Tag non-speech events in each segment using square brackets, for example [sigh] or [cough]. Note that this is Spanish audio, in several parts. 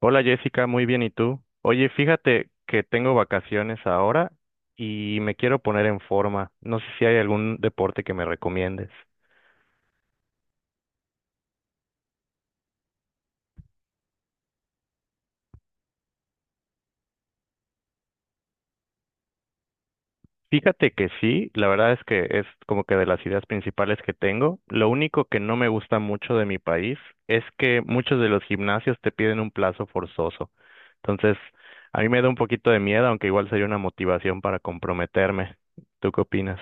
Hola Jessica, muy bien, ¿y tú? Oye, fíjate que tengo vacaciones ahora y me quiero poner en forma. No sé si hay algún deporte que me recomiendes. Fíjate que sí, la verdad es que es como que de las ideas principales que tengo. Lo único que no me gusta mucho de mi país es que muchos de los gimnasios te piden un plazo forzoso. Entonces, a mí me da un poquito de miedo, aunque igual sería una motivación para comprometerme. ¿Tú qué opinas?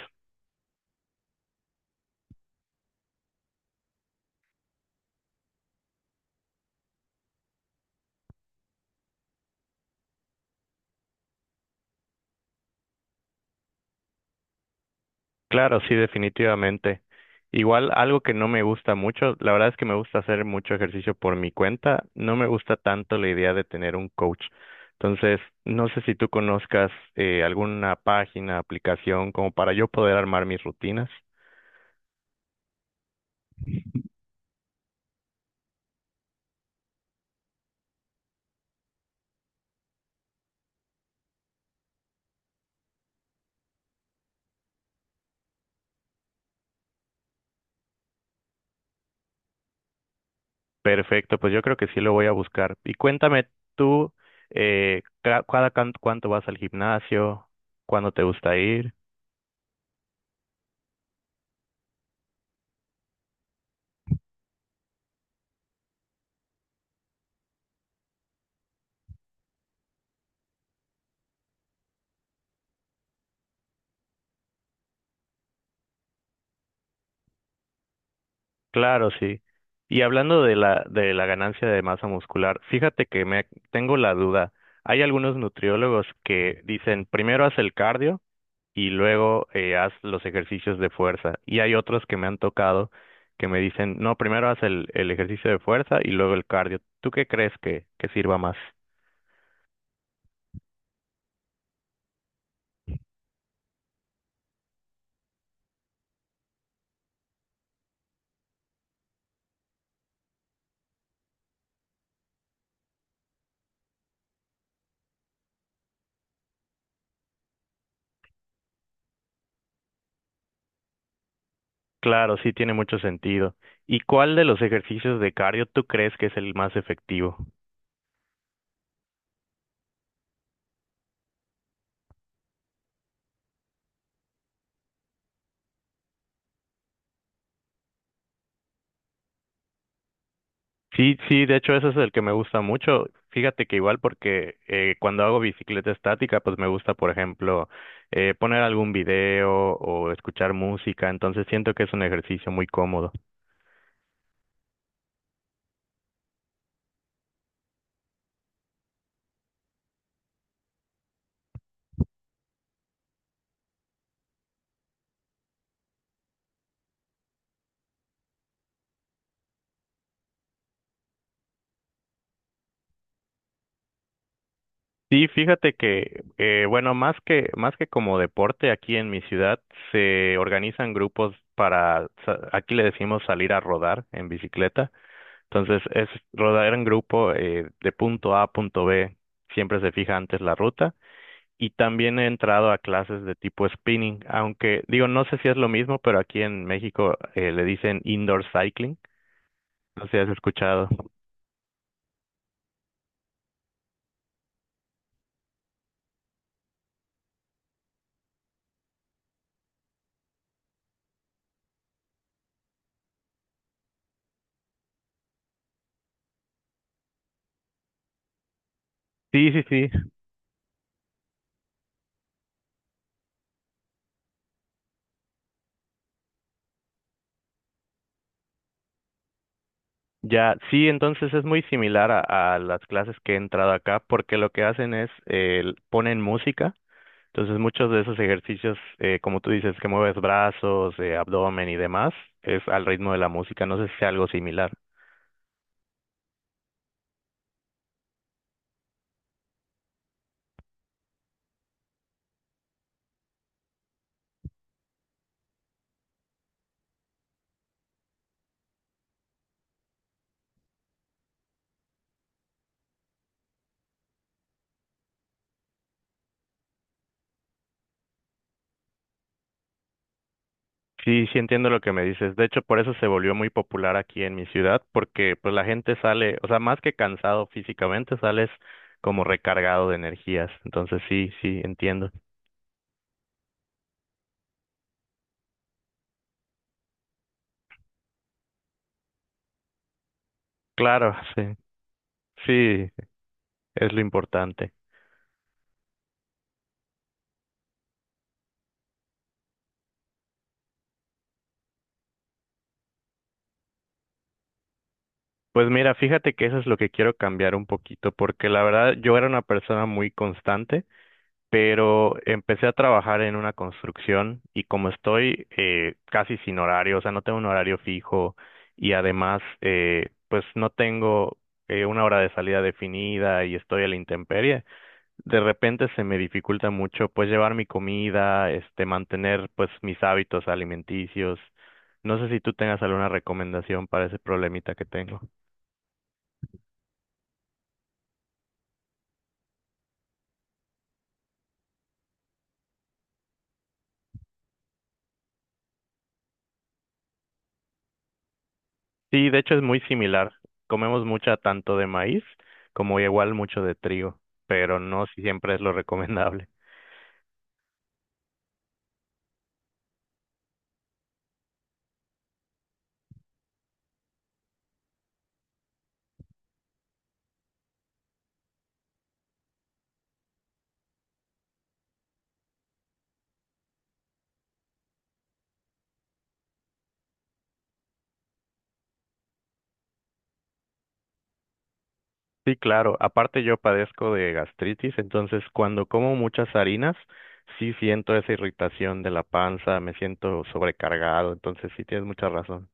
Claro, sí, definitivamente. Igual algo que no me gusta mucho, la verdad es que me gusta hacer mucho ejercicio por mi cuenta, no me gusta tanto la idea de tener un coach. Entonces, no sé si tú conozcas alguna página, aplicación como para yo poder armar mis rutinas. Perfecto, pues yo creo que sí lo voy a buscar. Y cuéntame tú, cada cuánto vas al gimnasio, cuándo te gusta ir. Claro, sí. Y hablando de la ganancia de masa muscular, fíjate que me tengo la duda. Hay algunos nutriólogos que dicen primero haz el cardio y luego haz los ejercicios de fuerza. Y hay otros que me han tocado que me dicen, no, primero haz el ejercicio de fuerza y luego el cardio. ¿Tú qué crees que sirva más? Claro, sí tiene mucho sentido. ¿Y cuál de los ejercicios de cardio tú crees que es el más efectivo? Sí, sí, de hecho ese es el que me gusta mucho. Fíjate que igual porque cuando hago bicicleta estática, pues me gusta, por ejemplo, poner algún video o escuchar música, entonces siento que es un ejercicio muy cómodo. Sí, fíjate que, bueno, más que como deporte, aquí en mi ciudad se organizan grupos para, aquí le decimos salir a rodar en bicicleta, entonces es rodar en grupo de punto A a punto B, siempre se fija antes la ruta. Y también he entrado a clases de tipo spinning, aunque digo, no sé si es lo mismo, pero aquí en México le dicen indoor cycling. No sé si has escuchado. Sí, sí, sí. Ya, sí, entonces es muy similar a las clases que he entrado acá, porque lo que hacen es ponen música. Entonces muchos de esos ejercicios, como tú dices, que mueves brazos, abdomen y demás, es al ritmo de la música. No sé si sea algo similar. Sí, sí entiendo lo que me dices. De hecho, por eso se volvió muy popular aquí en mi ciudad, porque pues la gente sale, o sea, más que cansado físicamente, sales como recargado de energías. Entonces, sí, sí, entiendo. Claro, sí, sí, es lo importante. Pues mira, fíjate que eso es lo que quiero cambiar un poquito, porque la verdad yo era una persona muy constante, pero empecé a trabajar en una construcción y como estoy casi sin horario, o sea, no tengo un horario fijo y además, pues no tengo una hora de salida definida y estoy a la intemperie, de repente se me dificulta mucho pues llevar mi comida, este, mantener pues mis hábitos alimenticios. No sé si tú tengas alguna recomendación para ese problemita que tengo. Sí, de hecho es muy similar. Comemos mucha tanto de maíz como igual mucho de trigo, pero no siempre es lo [laughs] recomendable. Sí, claro. Aparte yo padezco de gastritis, entonces cuando como muchas harinas, sí siento esa irritación de la panza, me siento sobrecargado, entonces sí tienes mucha razón.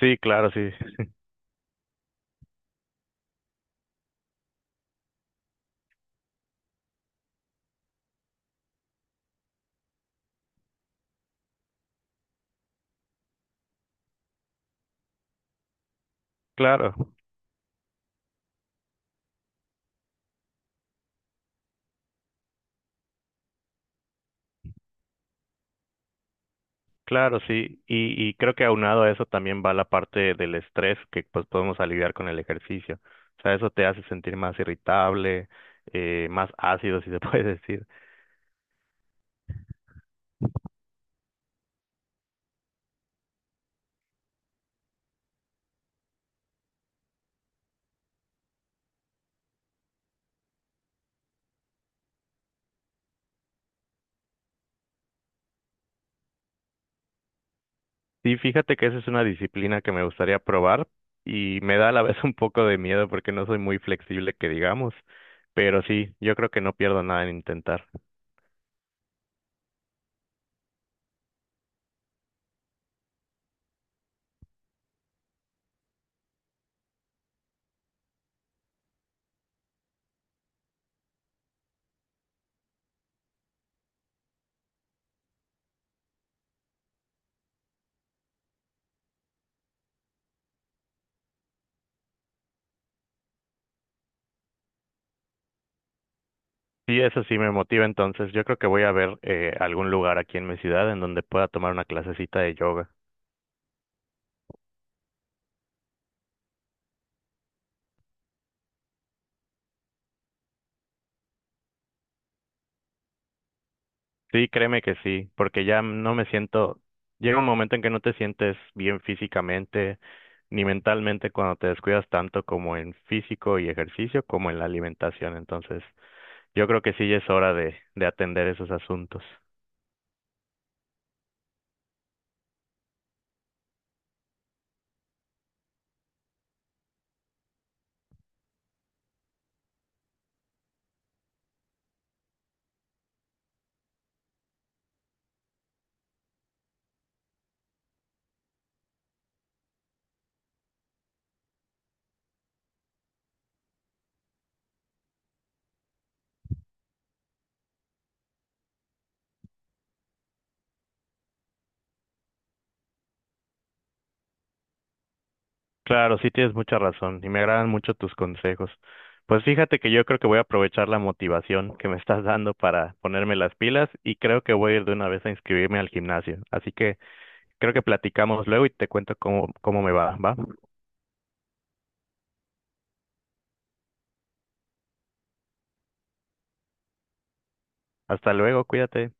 Sí, claro, sí, claro. Claro, sí, y creo que aunado a eso también va la parte del estrés que pues podemos aliviar con el ejercicio. O sea, eso te hace sentir más irritable, más ácido, si se [laughs] puede decir. Sí, fíjate que esa es una disciplina que me gustaría probar y me da a la vez un poco de miedo porque no soy muy flexible, que digamos, pero sí, yo creo que no pierdo nada en intentar. Sí, eso sí me motiva, entonces yo creo que voy a ver algún lugar aquí en mi ciudad en donde pueda tomar una clasecita de yoga. Sí, créeme que sí, porque ya no me siento, llega un momento en que no te sientes bien físicamente ni mentalmente cuando te descuidas tanto como en físico y ejercicio como en la alimentación. Entonces, yo creo que sí ya es hora de atender esos asuntos. Claro, sí tienes mucha razón y me agradan mucho tus consejos. Pues fíjate que yo creo que voy a aprovechar la motivación que me estás dando para ponerme las pilas y creo que voy a ir de una vez a inscribirme al gimnasio. Así que creo que platicamos luego y te cuento cómo, cómo me va, ¿va? Hasta luego, cuídate.